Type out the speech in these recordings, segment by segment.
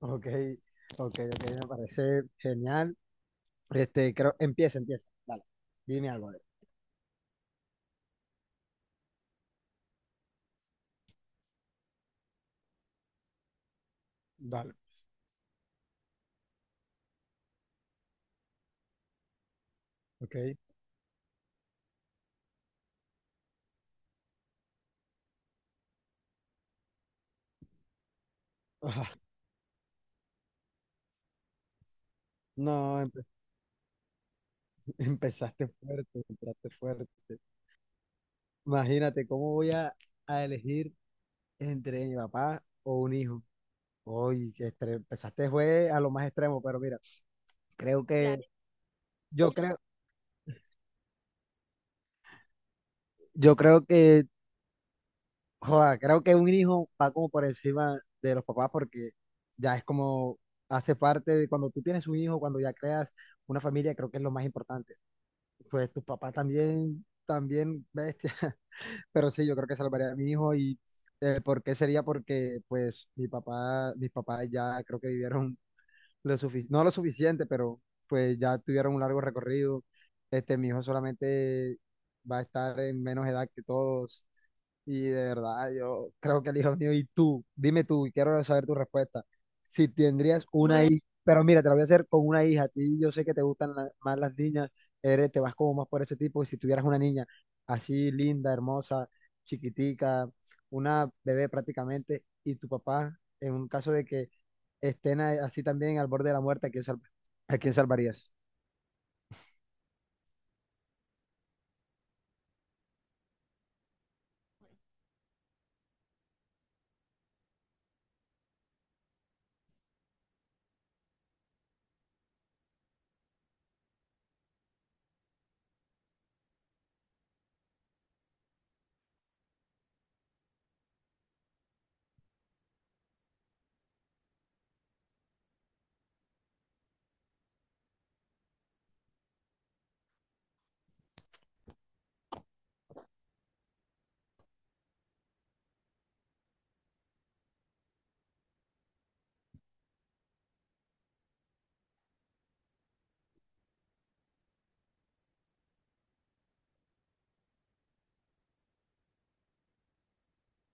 Ok, ok, ok, me parece genial. Creo, empieza. Dale, dime algo. Dale, ok. Ah, no, empe- empezaste fuerte, empezaste fuerte. Imagínate, ¿cómo voy a elegir entre mi papá o un hijo? Hoy empezaste fue a lo más extremo, pero mira, creo que, Dale. yo creo, yo creo que Joda, creo que un hijo va como por encima de los papás porque ya es como hace parte de cuando tú tienes un hijo, cuando ya creas una familia, creo que es lo más importante. Pues tus papás también, también bestia. Pero sí, yo creo que salvaría a mi hijo y ¿por qué sería? Porque pues mis papás ya creo que vivieron lo suficiente, no lo suficiente, pero pues ya tuvieron un largo recorrido. Mi hijo solamente va a estar en menos edad que todos y de verdad, yo creo que el hijo mío, y tú, dime tú, y quiero saber tu respuesta. Si tendrías una Bueno, hija, pero mira, te lo voy a hacer con una hija. A ti yo sé que te gustan más las niñas, eres, te vas como más por ese tipo. Y si tuvieras una niña así linda, hermosa, chiquitica, una bebé prácticamente, y tu papá, en un caso de que estén así también al borde de la muerte, ¿a quién salvarías?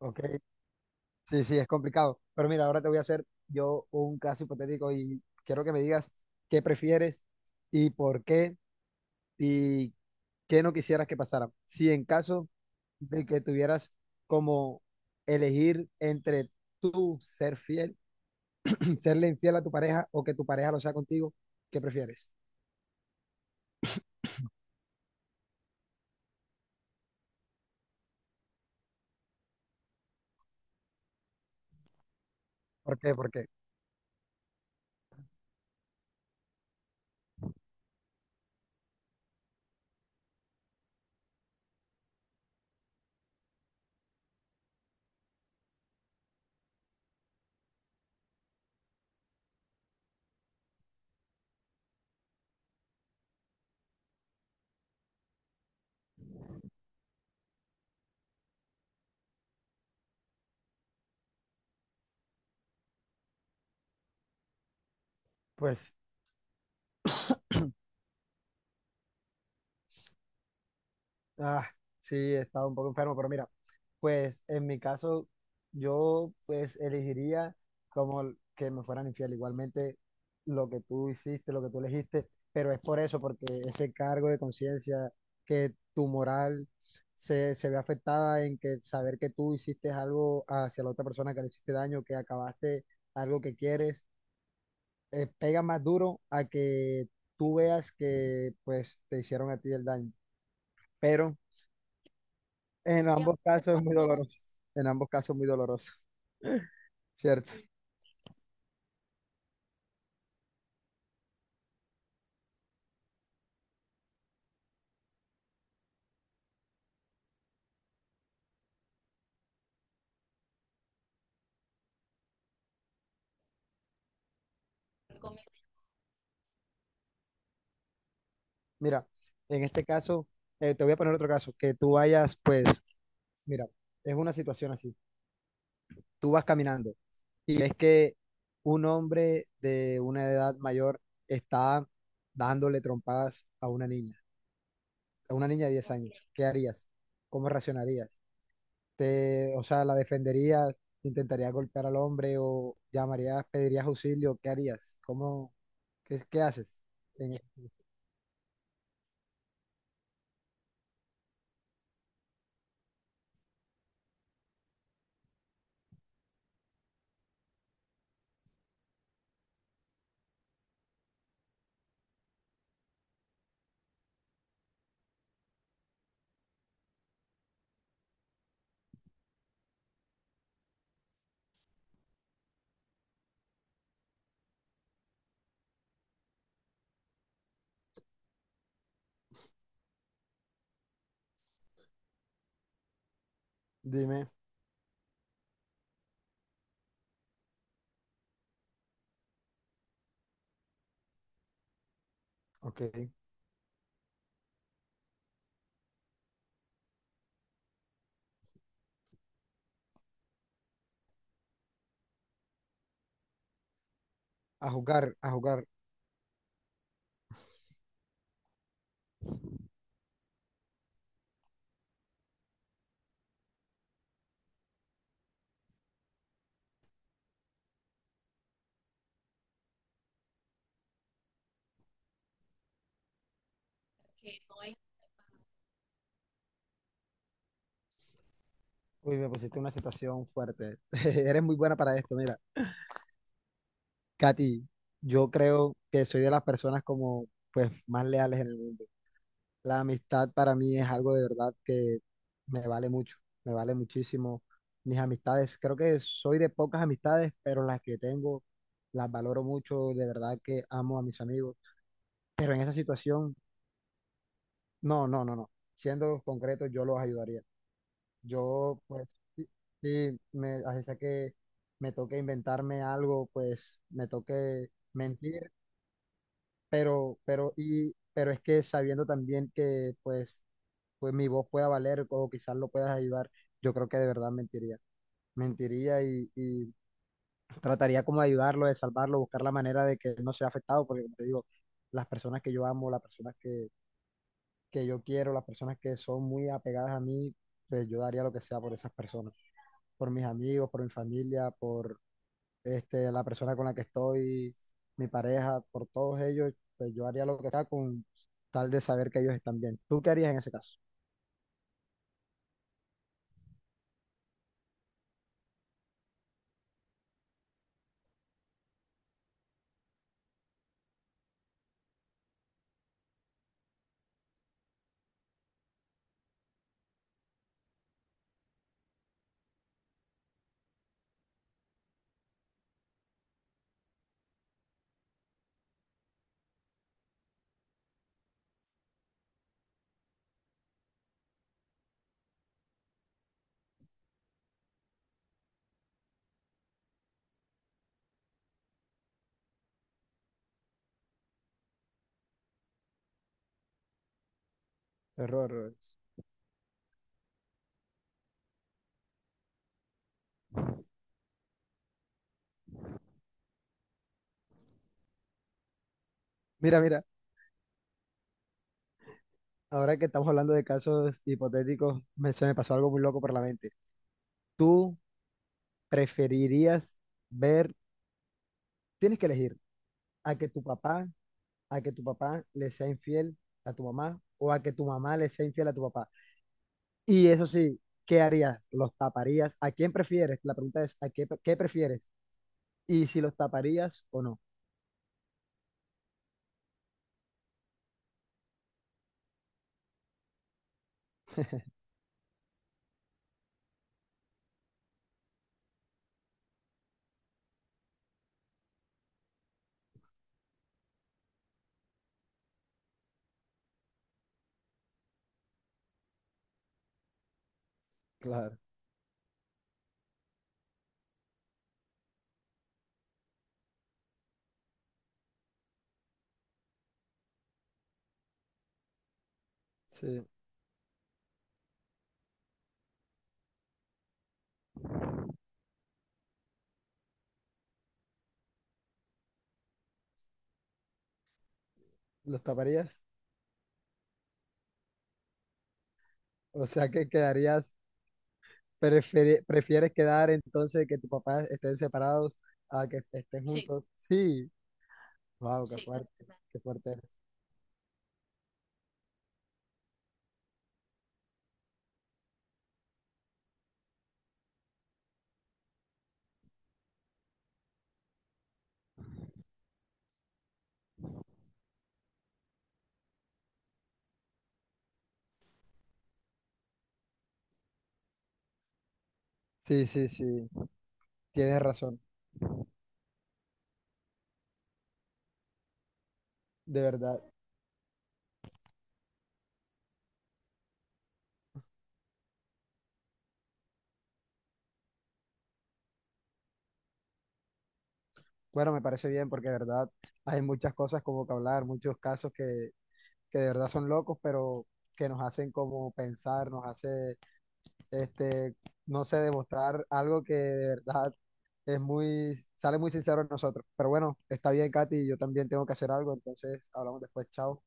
¿Ok? Sí, sí, es complicado. Pero mira, ahora te voy a hacer yo un caso hipotético y quiero que me digas qué prefieres y por qué y qué no quisieras que pasara. Si en caso de que tuvieras como elegir entre tú ser fiel, serle infiel a tu pareja o que tu pareja lo sea contigo, ¿qué prefieres? ¿Por qué? ¿Por qué? Pues Ah, sí, he estado un poco enfermo, pero mira, pues en mi caso, yo pues elegiría como que me fueran infiel. Igualmente, lo que tú hiciste, lo que tú elegiste, pero es por eso, porque ese cargo de conciencia, que tu moral se, se ve afectada en que saber que tú hiciste algo hacia la otra persona que le hiciste daño, que acabaste algo que quieres, pega más duro a que tú veas que pues te hicieron a ti el daño. Pero en ambos casos es muy doloroso. En ambos casos muy doloroso, ¿cierto? Mira, en este caso, te voy a poner otro caso, que tú vayas, pues, mira, es una situación así. Tú vas caminando y es que un hombre de una edad mayor está dándole trompadas a una niña de 10 años. ¿Qué harías? ¿Cómo reaccionarías? Te, o sea, ¿la defenderías? ¿Intentarías golpear al hombre o llamarías, pedirías auxilio? ¿Qué harías? ¿Cómo, qué, qué haces? Dime, ok. A jugar, a jugar. Uy, me pusiste una situación fuerte. Eres muy buena para esto, mira. Katy, yo creo que soy de las personas como, pues, más leales en el mundo. La amistad para mí es algo de verdad que me vale mucho, me vale muchísimo. Mis amistades, creo que soy de pocas amistades, pero las que tengo las valoro mucho, de verdad que amo a mis amigos. Pero en esa situación, no, no, no, no. Siendo concreto, yo los ayudaría. Yo, pues, sí, sí, me, así sea que me toque inventarme algo, pues, me toque mentir, pero es que sabiendo también que, pues, pues mi voz pueda valer o quizás lo puedas ayudar, yo creo que de verdad mentiría. Mentiría y trataría como de ayudarlo, de salvarlo, buscar la manera de que él no sea afectado, porque como te digo, las personas que yo amo, que yo quiero, las personas que son muy apegadas a mí, pues yo daría lo que sea por esas personas. Por mis amigos, por mi familia, por la persona con la que estoy, mi pareja, por todos ellos, pues yo haría lo que sea con tal de saber que ellos están bien. ¿Tú qué harías en ese caso? Error. Error. Mira, mira, ahora que estamos hablando de casos hipotéticos, me, se me pasó algo muy loco por la mente. ¿Tú preferirías ver, tienes que elegir, a que tu papá, a que tu papá le sea infiel a tu mamá o a que tu mamá le sea infiel a tu papá? Y eso sí, ¿qué harías? ¿Los taparías? ¿A quién prefieres? La pregunta es, ¿qué prefieres? Y si los taparías o no. Claro, sí, ¿Los taparías? O sea, que quedarías, prefieres quedar entonces que tus papás estén separados a que estén juntos. Sí, wow, qué fuerte, qué fuerte. Eres. Sí, sí, sí, tienes razón, de verdad. Bueno, me parece bien porque de verdad hay muchas cosas como que hablar, muchos casos que de verdad son locos, pero que nos hacen como pensar, nos hace este, no sé, demostrar algo que de verdad es muy, sale muy sincero en nosotros. Pero bueno, está bien, Katy, yo también tengo que hacer algo, entonces hablamos después, chao.